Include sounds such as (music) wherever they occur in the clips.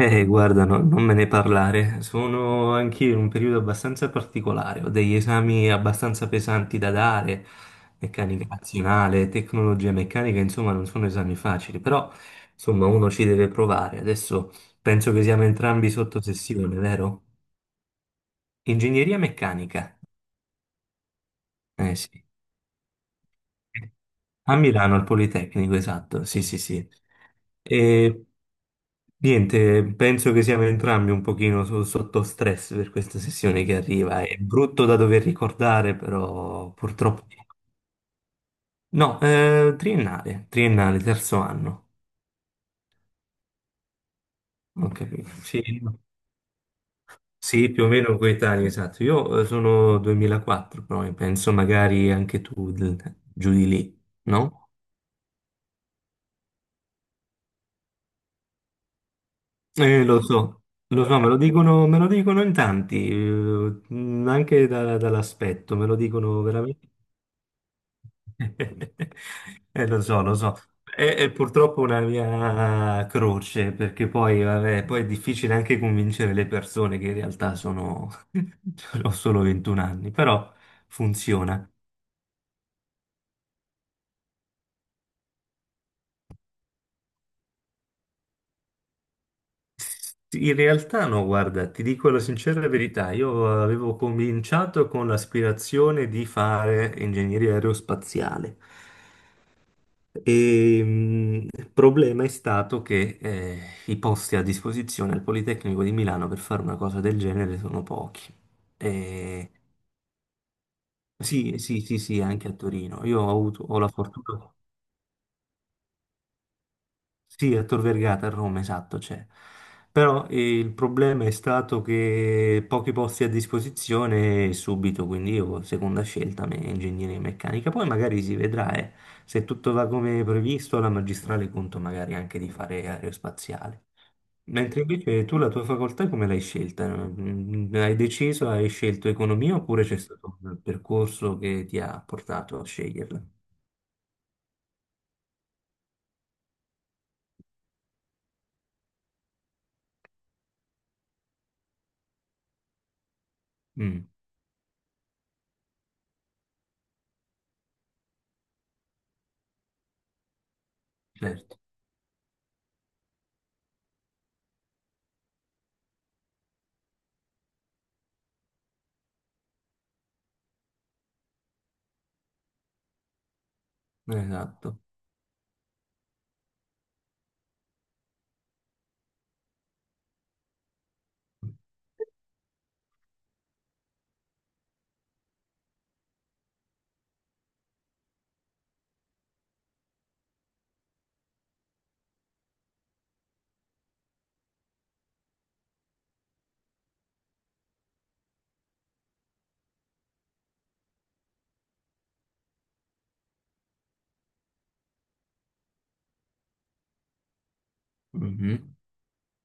Guarda, non me ne parlare. Sono anch'io in un periodo abbastanza particolare. Ho degli esami abbastanza pesanti da dare, meccanica nazionale, tecnologia meccanica, insomma, non sono esami facili, però insomma, uno ci deve provare. Adesso penso che siamo entrambi sotto sessione, vero? Ingegneria meccanica. Eh sì. A Milano, al Politecnico, esatto, sì, sì, sì. E niente, penso che siamo entrambi un pochino sotto stress per questa sessione che arriva. È brutto da dover ricordare, però purtroppo. No, triennale, triennale, terzo anno. Ho capito. Sì, no. Sì, più o meno coetaneo, esatto. Io sono 2004, però penso magari anche tu giù di lì, no? Eh, lo so, lo so, me lo dicono in tanti, anche dall'aspetto, me lo dicono veramente. (laughs) Lo so, lo so. È purtroppo una mia croce, perché poi, vabbè, poi è difficile anche convincere le persone che in realtà sono. (laughs) Ho solo 21 anni, però funziona. Sì, in realtà no, guarda, ti dico la sincera verità, io avevo cominciato con l'aspirazione di fare ingegneria aerospaziale e il problema è stato che i posti a disposizione al Politecnico di Milano per fare una cosa del genere sono pochi. E sì, sì, sì, sì, anche a Torino. Io ho avuto, ho la fortuna. Sì, a Tor Vergata a Roma, esatto, c'è. Però il problema è stato che pochi posti a disposizione subito, quindi io seconda scelta, ingegneria meccanica. Poi magari si vedrà, se tutto va come previsto, la magistrale conto magari anche di fare aerospaziale. Mentre invece tu la tua facoltà come l'hai scelta? Hai deciso, hai scelto economia oppure c'è stato un percorso che ti ha portato a sceglierla? Mm, certo, esatto.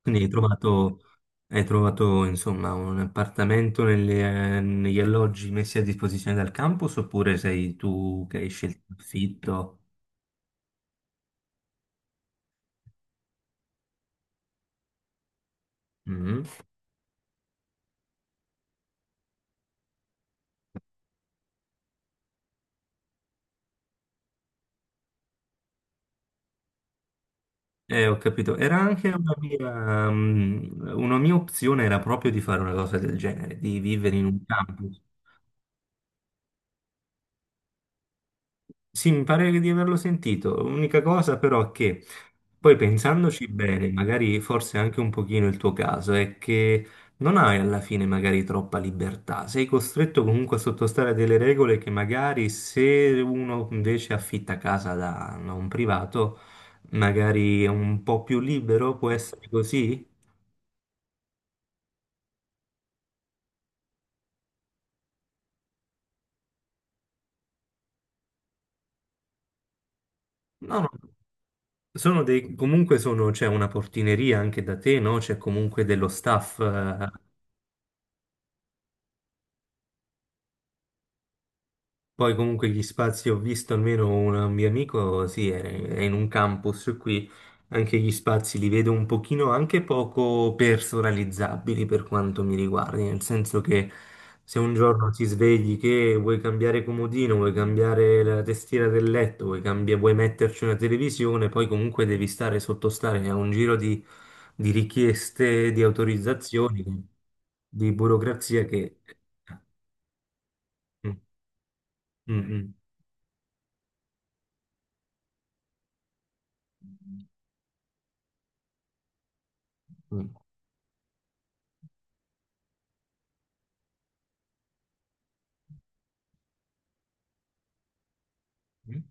Quindi hai trovato, insomma, un appartamento negli alloggi messi a disposizione dal campus oppure sei tu che hai scelto l'affitto? Mm. Ho capito. Era anche una mia opzione era proprio di fare una cosa del genere, di vivere in un campus. Sì, mi pare di averlo sentito. L'unica cosa però è che poi pensandoci bene, magari forse anche un pochino il tuo caso, è che non hai alla fine magari troppa libertà. Sei costretto comunque a sottostare a delle regole che magari se uno invece affitta casa da un privato, magari è un po' più libero, può essere così? No, no. Sono dei, comunque sono, c'è una portineria anche da te, no? C'è comunque dello staff. Poi comunque gli spazi, ho visto almeno un mio amico, sì, è in un campus qui, anche gli spazi li vedo un pochino anche poco personalizzabili per quanto mi riguardi, nel senso che se un giorno ti svegli che vuoi cambiare comodino, vuoi cambiare la tastiera del letto, vuoi metterci una televisione, poi comunque devi stare sottostare a un giro di, richieste, di autorizzazioni, di burocrazia che. eh, Mm, mm, mm, mm.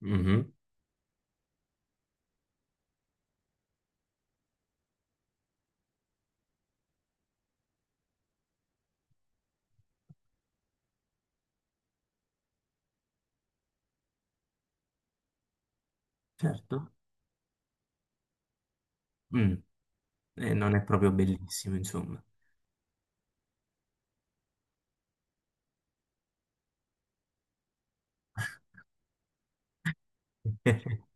Mhm, certo. Mm, e non è proprio bellissimo, insomma. (laughs)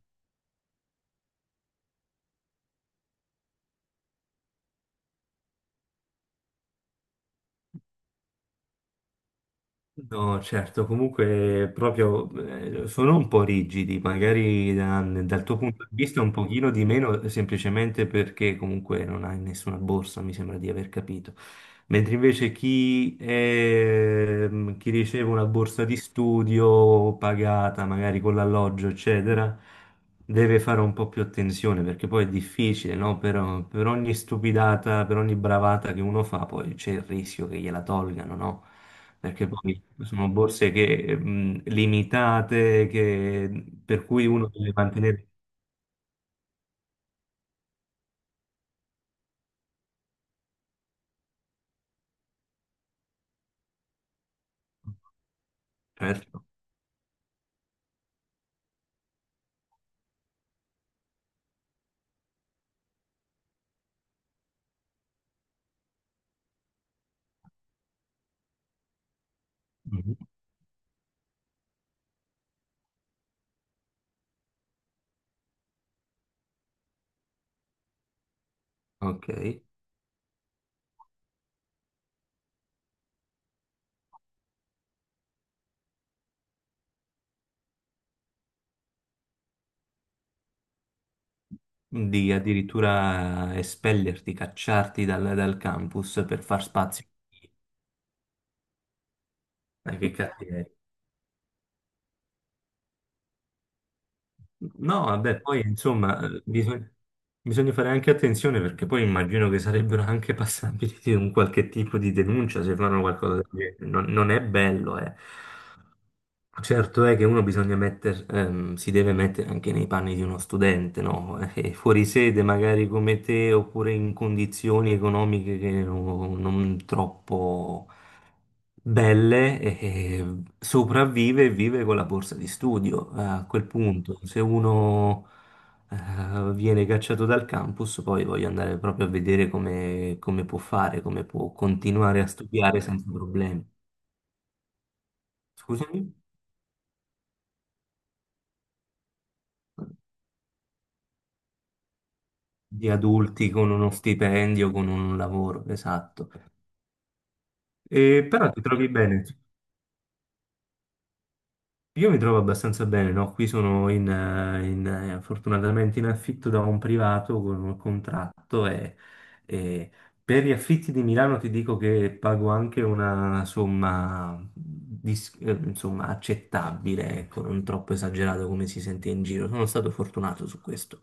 No, certo, comunque proprio sono un po' rigidi, magari dal tuo punto di vista un pochino di meno, semplicemente perché comunque non hai nessuna borsa, mi sembra di aver capito. Mentre invece chi riceve una borsa di studio pagata, magari con l'alloggio, eccetera. Deve fare un po' più attenzione perché poi è difficile, no? Per ogni stupidata, per ogni bravata che uno fa, poi c'è il rischio che gliela tolgano, no? Perché poi sono borse che, limitate, per cui uno deve mantenere. Certo. Mhm. Ok. Di addirittura espellerti, cacciarti dal campus per far spazio. Che cattiveria. No, vabbè, poi insomma, bisogna fare anche attenzione perché poi immagino che sarebbero anche passabili (laughs) di un qualche tipo di denuncia se fanno qualcosa del genere. Non è bello, eh. Certo è che uno bisogna si deve mettere anche nei panni di uno studente, no? (laughs) Fuori sede, magari come te, oppure in condizioni economiche che non troppo belle, e sopravvive e vive con la borsa di studio. A quel punto, se uno viene cacciato dal campus, poi voglio andare proprio a vedere come, come può fare, come può continuare a studiare senza problemi. Scusami? Di adulti con uno stipendio, con un lavoro, esatto. E, però ti trovi bene. Io mi trovo abbastanza bene, no? Qui sono in fortunatamente in affitto da un privato con un contratto e. Per gli affitti di Milano ti dico che pago anche una somma, insomma, accettabile, ecco, non troppo esagerato come si sente in giro. Sono stato fortunato su questo.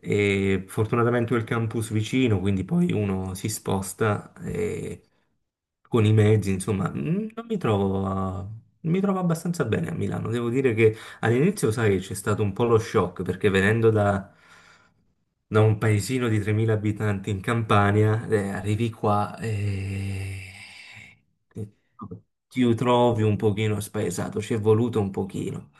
E fortunatamente ho il campus vicino, quindi poi uno si sposta e con i mezzi, insomma, non mi trovo, a- mi trovo abbastanza bene a Milano. Devo dire che all'inizio, sai, c'è stato un po' lo shock perché venendo da un paesino di 3.000 abitanti in Campania, arrivi qua e ti trovi un pochino spaesato, ci è voluto un pochino.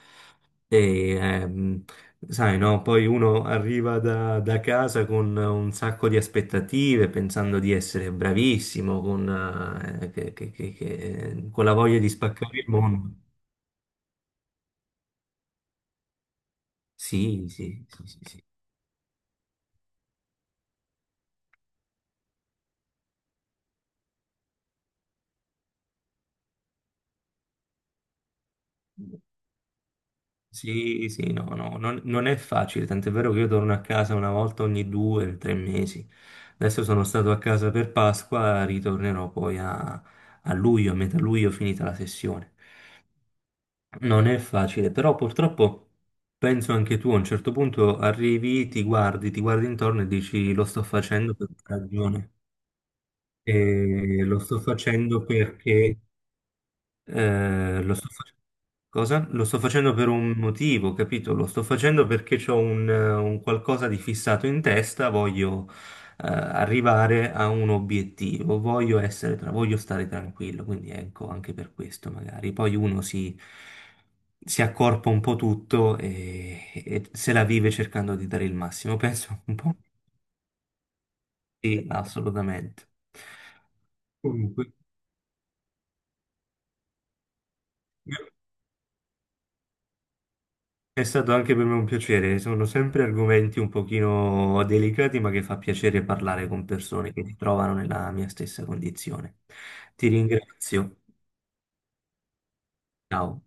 E, sai, no? Poi uno arriva da casa con un sacco di aspettative, pensando di essere bravissimo, con, che- con la voglia di spaccare il mondo. Sì, sì, sì, sì, sì. Sì, sì, no, no, non è facile, tant'è vero che io torno a casa una volta ogni 2 o 3 mesi. Adesso sono stato a casa per Pasqua, ritornerò poi a luglio, a metà luglio, finita la sessione. Non è facile, però purtroppo penso anche tu, a un certo punto arrivi, ti guardi, intorno e dici lo sto facendo per ragione. E lo sto facendo perché lo sto facendo. Cosa? Lo sto facendo per un motivo, capito? Lo sto facendo perché ho un qualcosa di fissato in testa, voglio arrivare a un obiettivo, voglio stare tranquillo, quindi ecco, anche per questo magari. Poi uno si accorpa un po' tutto e se la vive cercando di dare il massimo, (laughs) penso un po'. Sì, assolutamente. Comunque. È stato anche per me un piacere, sono sempre argomenti un pochino delicati, ma che fa piacere parlare con persone che si trovano nella mia stessa condizione. Ti ringrazio. Ciao.